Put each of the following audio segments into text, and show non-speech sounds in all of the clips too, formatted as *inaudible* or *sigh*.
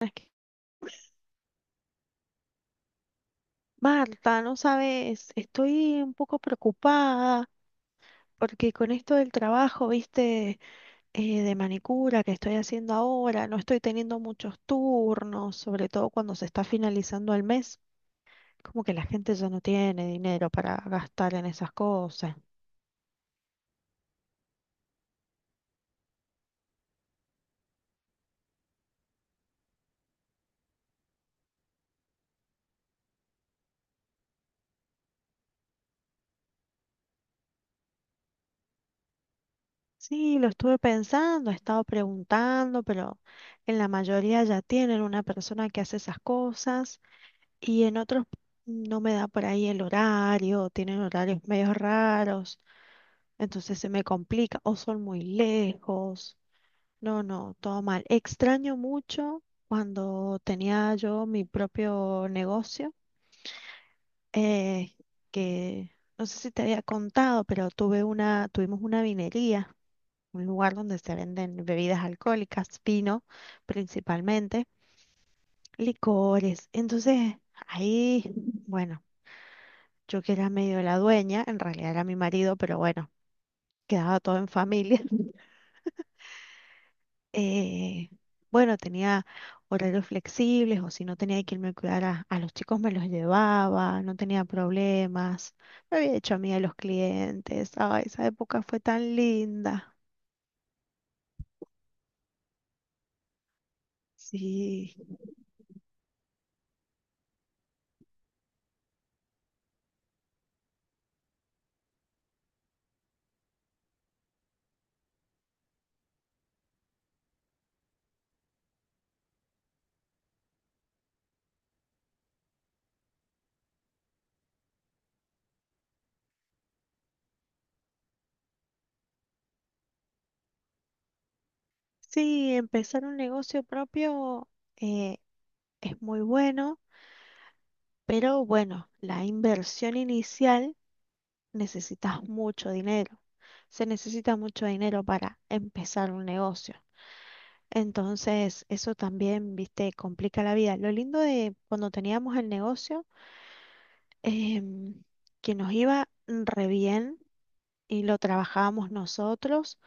Es que, Marta, no sabes, estoy un poco preocupada porque con esto del trabajo, viste, de manicura que estoy haciendo ahora, no estoy teniendo muchos turnos, sobre todo cuando se está finalizando el mes, como que la gente ya no tiene dinero para gastar en esas cosas. Sí, lo estuve pensando, he estado preguntando, pero en la mayoría ya tienen una persona que hace esas cosas. Y en otros no me da por ahí el horario, tienen horarios medio raros, entonces se me complica o son muy lejos. No, no, todo mal. Extraño mucho cuando tenía yo mi propio negocio, eh, que no sé si te había contado, pero tuvimos una vinería, un lugar donde se venden bebidas alcohólicas, vino principalmente, licores. Entonces, ahí, bueno. Yo que era medio la dueña, en realidad era mi marido, pero bueno, quedaba todo en familia. *laughs* Eh, bueno, tenía horarios flexibles o si no tenía que irme a cuidar a los chicos, me los llevaba, no tenía problemas, me había hecho amiga de los clientes, ay, esa época fue tan linda. Sí, sí, empezar un negocio propio eh, es muy bueno, pero bueno, la inversión inicial necesitas mucho dinero. Se necesita mucho dinero para empezar un negocio. Entonces, eso también, viste, complica la vida. Lo lindo de cuando teníamos el negocio, em, que nos iba re bien y lo trabajábamos nosotros,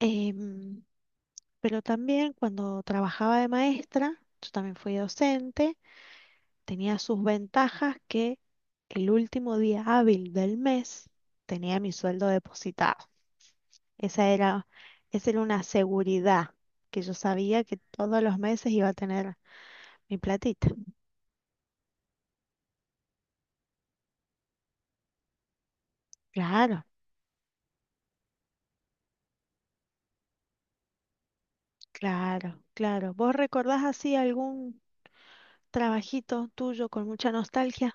em, pero también cuando trabajaba de maestra, yo también fui docente. Tenía sus ventajas que el último día hábil del mes tenía mi sueldo depositado. Esa era, esa era una seguridad que yo sabía que todos los meses iba a tener mi platita. Claro, claro, claro. ¿Vos recordás así algún trabajito tuyo con mucha nostalgia?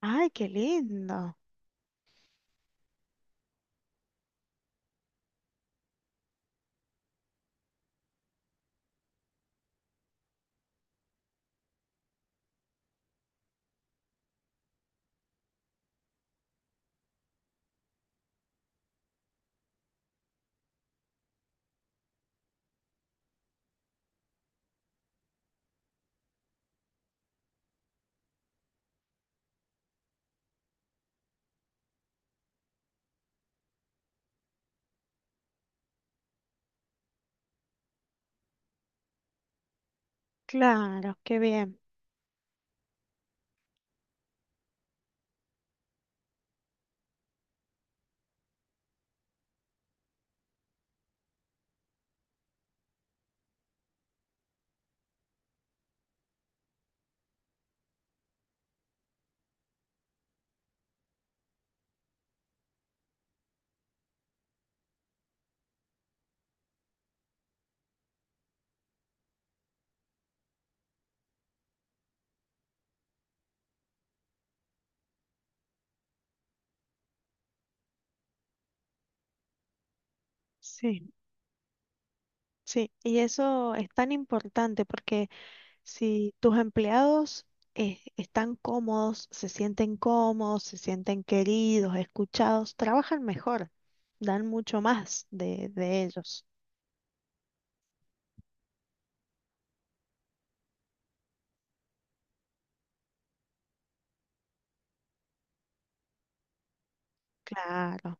Ay, qué lindo. Claro, qué bien. Sí, sí. Y eso es tan importante porque si tus empleados están cómodos, se sienten queridos, escuchados, trabajan mejor, dan mucho más de ellos. Claro.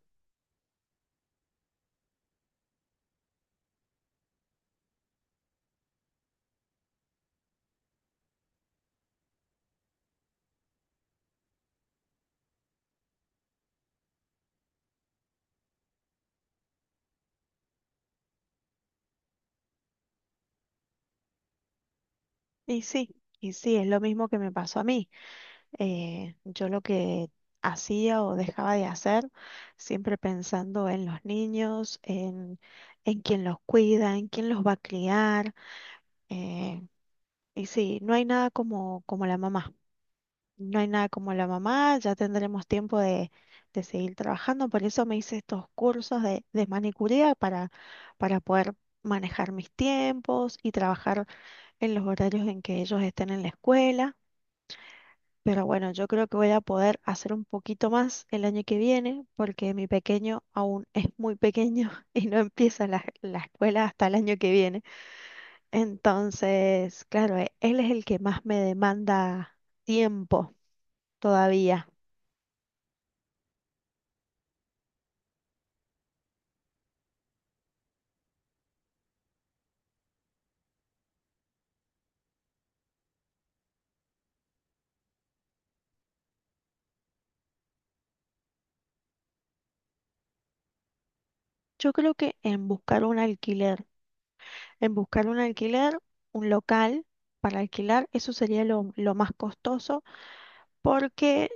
Y sí, y sí, es lo mismo que me pasó a mí. Yo lo que hacía o dejaba de hacer, siempre pensando en los niños, en quién los cuida, en quién los va a criar. eh, y sí, no hay nada como, como la mamá. No hay nada como la mamá, ya tendremos tiempo de seguir trabajando. Por eso me hice estos cursos de manicuría para poder manejar mis tiempos y trabajar en los horarios en que ellos estén en la escuela. Pero bueno, yo creo que voy a poder hacer un poquito más el año que viene porque mi pequeño aún es muy pequeño *laughs* y no empieza la, la escuela hasta el año que viene. Entonces, claro, él es el que más me demanda tiempo todavía. Yo creo que en buscar un alquiler, en buscar un alquiler, un local para alquilar, eso sería lo más costoso, porque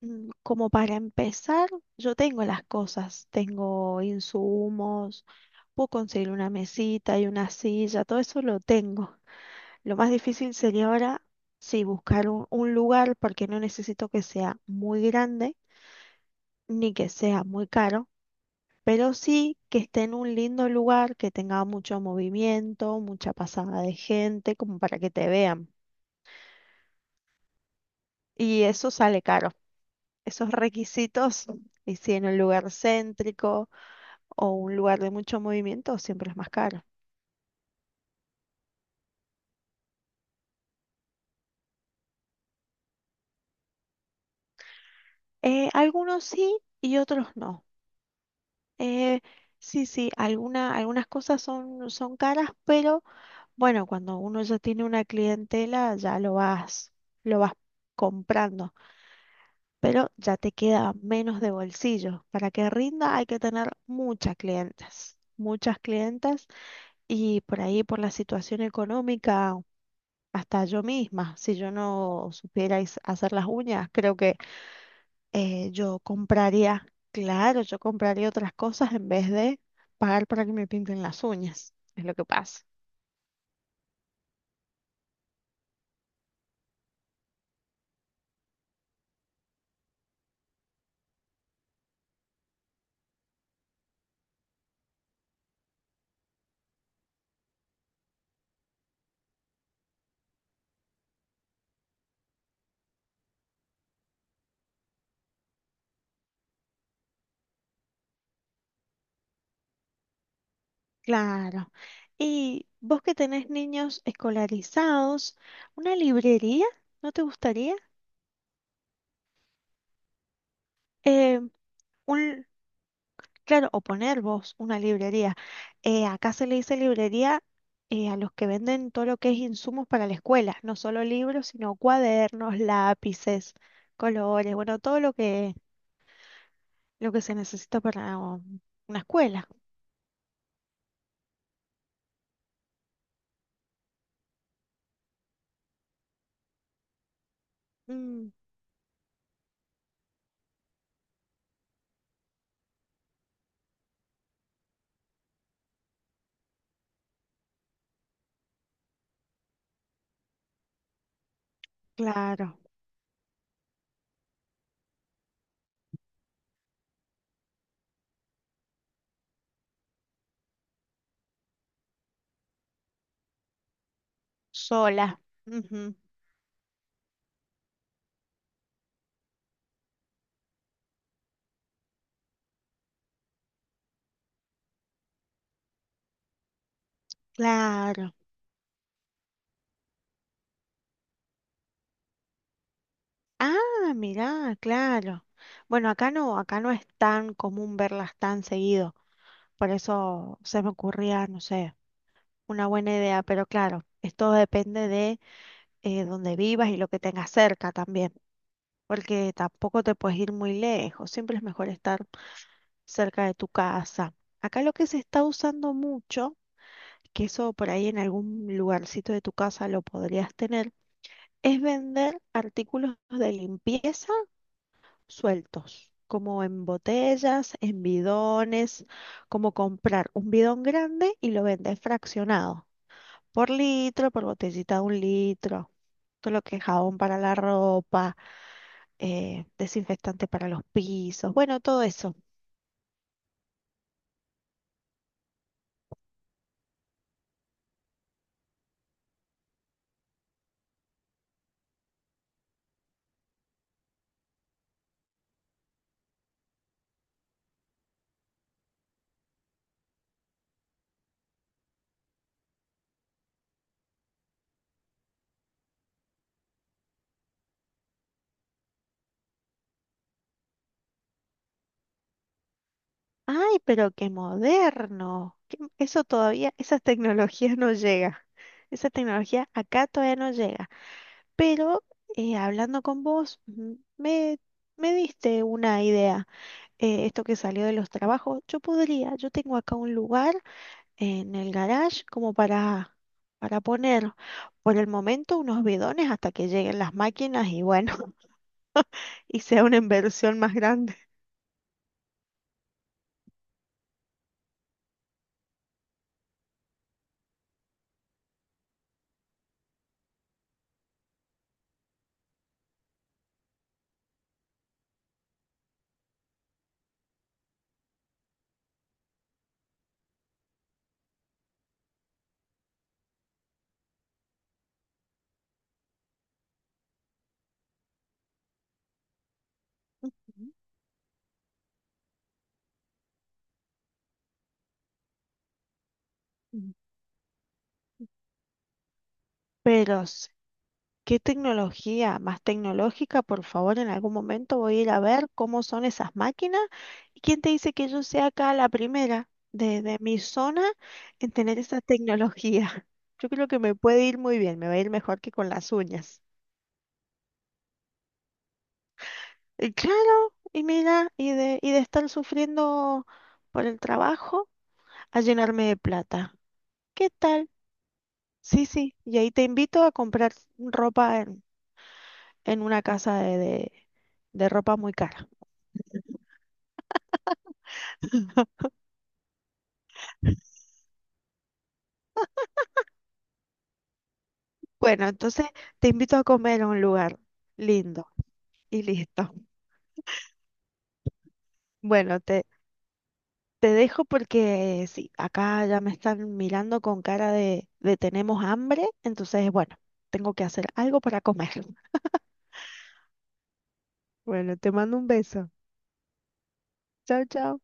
como para empezar, yo tengo las cosas, tengo insumos, puedo conseguir una mesita y una silla, todo eso lo tengo. Lo más difícil sería ahora, sí, buscar un lugar, porque no necesito que sea muy grande ni que sea muy caro, pero sí que esté en un lindo lugar, que tenga mucho movimiento, mucha pasada de gente, como para que te vean. Y eso sale caro. Esos requisitos, y si en un lugar céntrico o un lugar de mucho movimiento, siempre es más caro. Algunos sí y otros no. Eh, sí, sí, algunas cosas son, son caras, pero bueno, cuando uno ya tiene una clientela, ya lo vas comprando. Pero ya te queda menos de bolsillo. Para que rinda hay que tener muchas clientas, muchas clientas, y por ahí por la situación económica, hasta yo misma, si yo no supiera hacer las uñas, creo que yo compraría, claro, yo compraría otras cosas en vez de pagar para que me pinten las uñas, es lo que pasa. Claro. Y vos que tenés niños escolarizados, ¿una librería no te gustaría? Eh, un, Claro, o poner vos una librería. Acá se le dice librería a los que venden todo lo que es insumos para la escuela, no solo libros, sino cuadernos, lápices, colores, bueno, todo lo que se necesita para una escuela. Mm, claro, sola. Ujú, claro. Ah, mirá, claro. Bueno, acá no es tan común verlas tan seguido. Por eso se me ocurría, no sé. Una buena idea, pero claro, esto depende de dónde vivas y lo que tengas cerca también, porque tampoco te puedes ir muy lejos, siempre es mejor estar cerca de tu casa. Acá lo que se está usando mucho, que eso por ahí en algún lugarcito de tu casa lo podrías tener, es vender artículos de limpieza sueltos, como en botellas, en bidones, como comprar un bidón grande y lo vendes fraccionado. Por litro, por botellita de un litro. Todo lo que es jabón para la ropa, desinfectante para los pisos, bueno, todo eso. Ay, pero qué moderno. Qué- eso todavía, esas tecnologías no llega. Esa tecnología acá todavía no llega. Pero hablando con vos, me diste una idea. Esto que salió de los trabajos, yo podría, yo tengo acá un lugar en el garage como para poner por el momento unos bidones hasta que lleguen las máquinas y bueno, *laughs* y sea una inversión más grande. Mm. Pero, ¿qué tecnología más tecnológica? Por favor, en algún momento voy a ir a ver cómo son esas máquinas. ¿Y quién te dice que yo sea acá la primera de mi zona en tener esa tecnología? *laughs* Yo creo que me puede ir muy bien, me va a ir mejor que con las uñas. Y claro, y mira, y de estar sufriendo por el trabajo a llenarme de plata. ¿Qué tal? Sí, sí, y ahí te invito a comprar ropa en una casa de ropa muy cara. *laughs* Bueno, entonces te invito a comer a un lugar lindo y listo. *laughs* Bueno, te dejo porque sí, acá ya me están mirando con cara de tenemos hambre, entonces bueno, tengo que hacer algo para comer. *laughs* Bueno, te mando un beso. Chao, chao.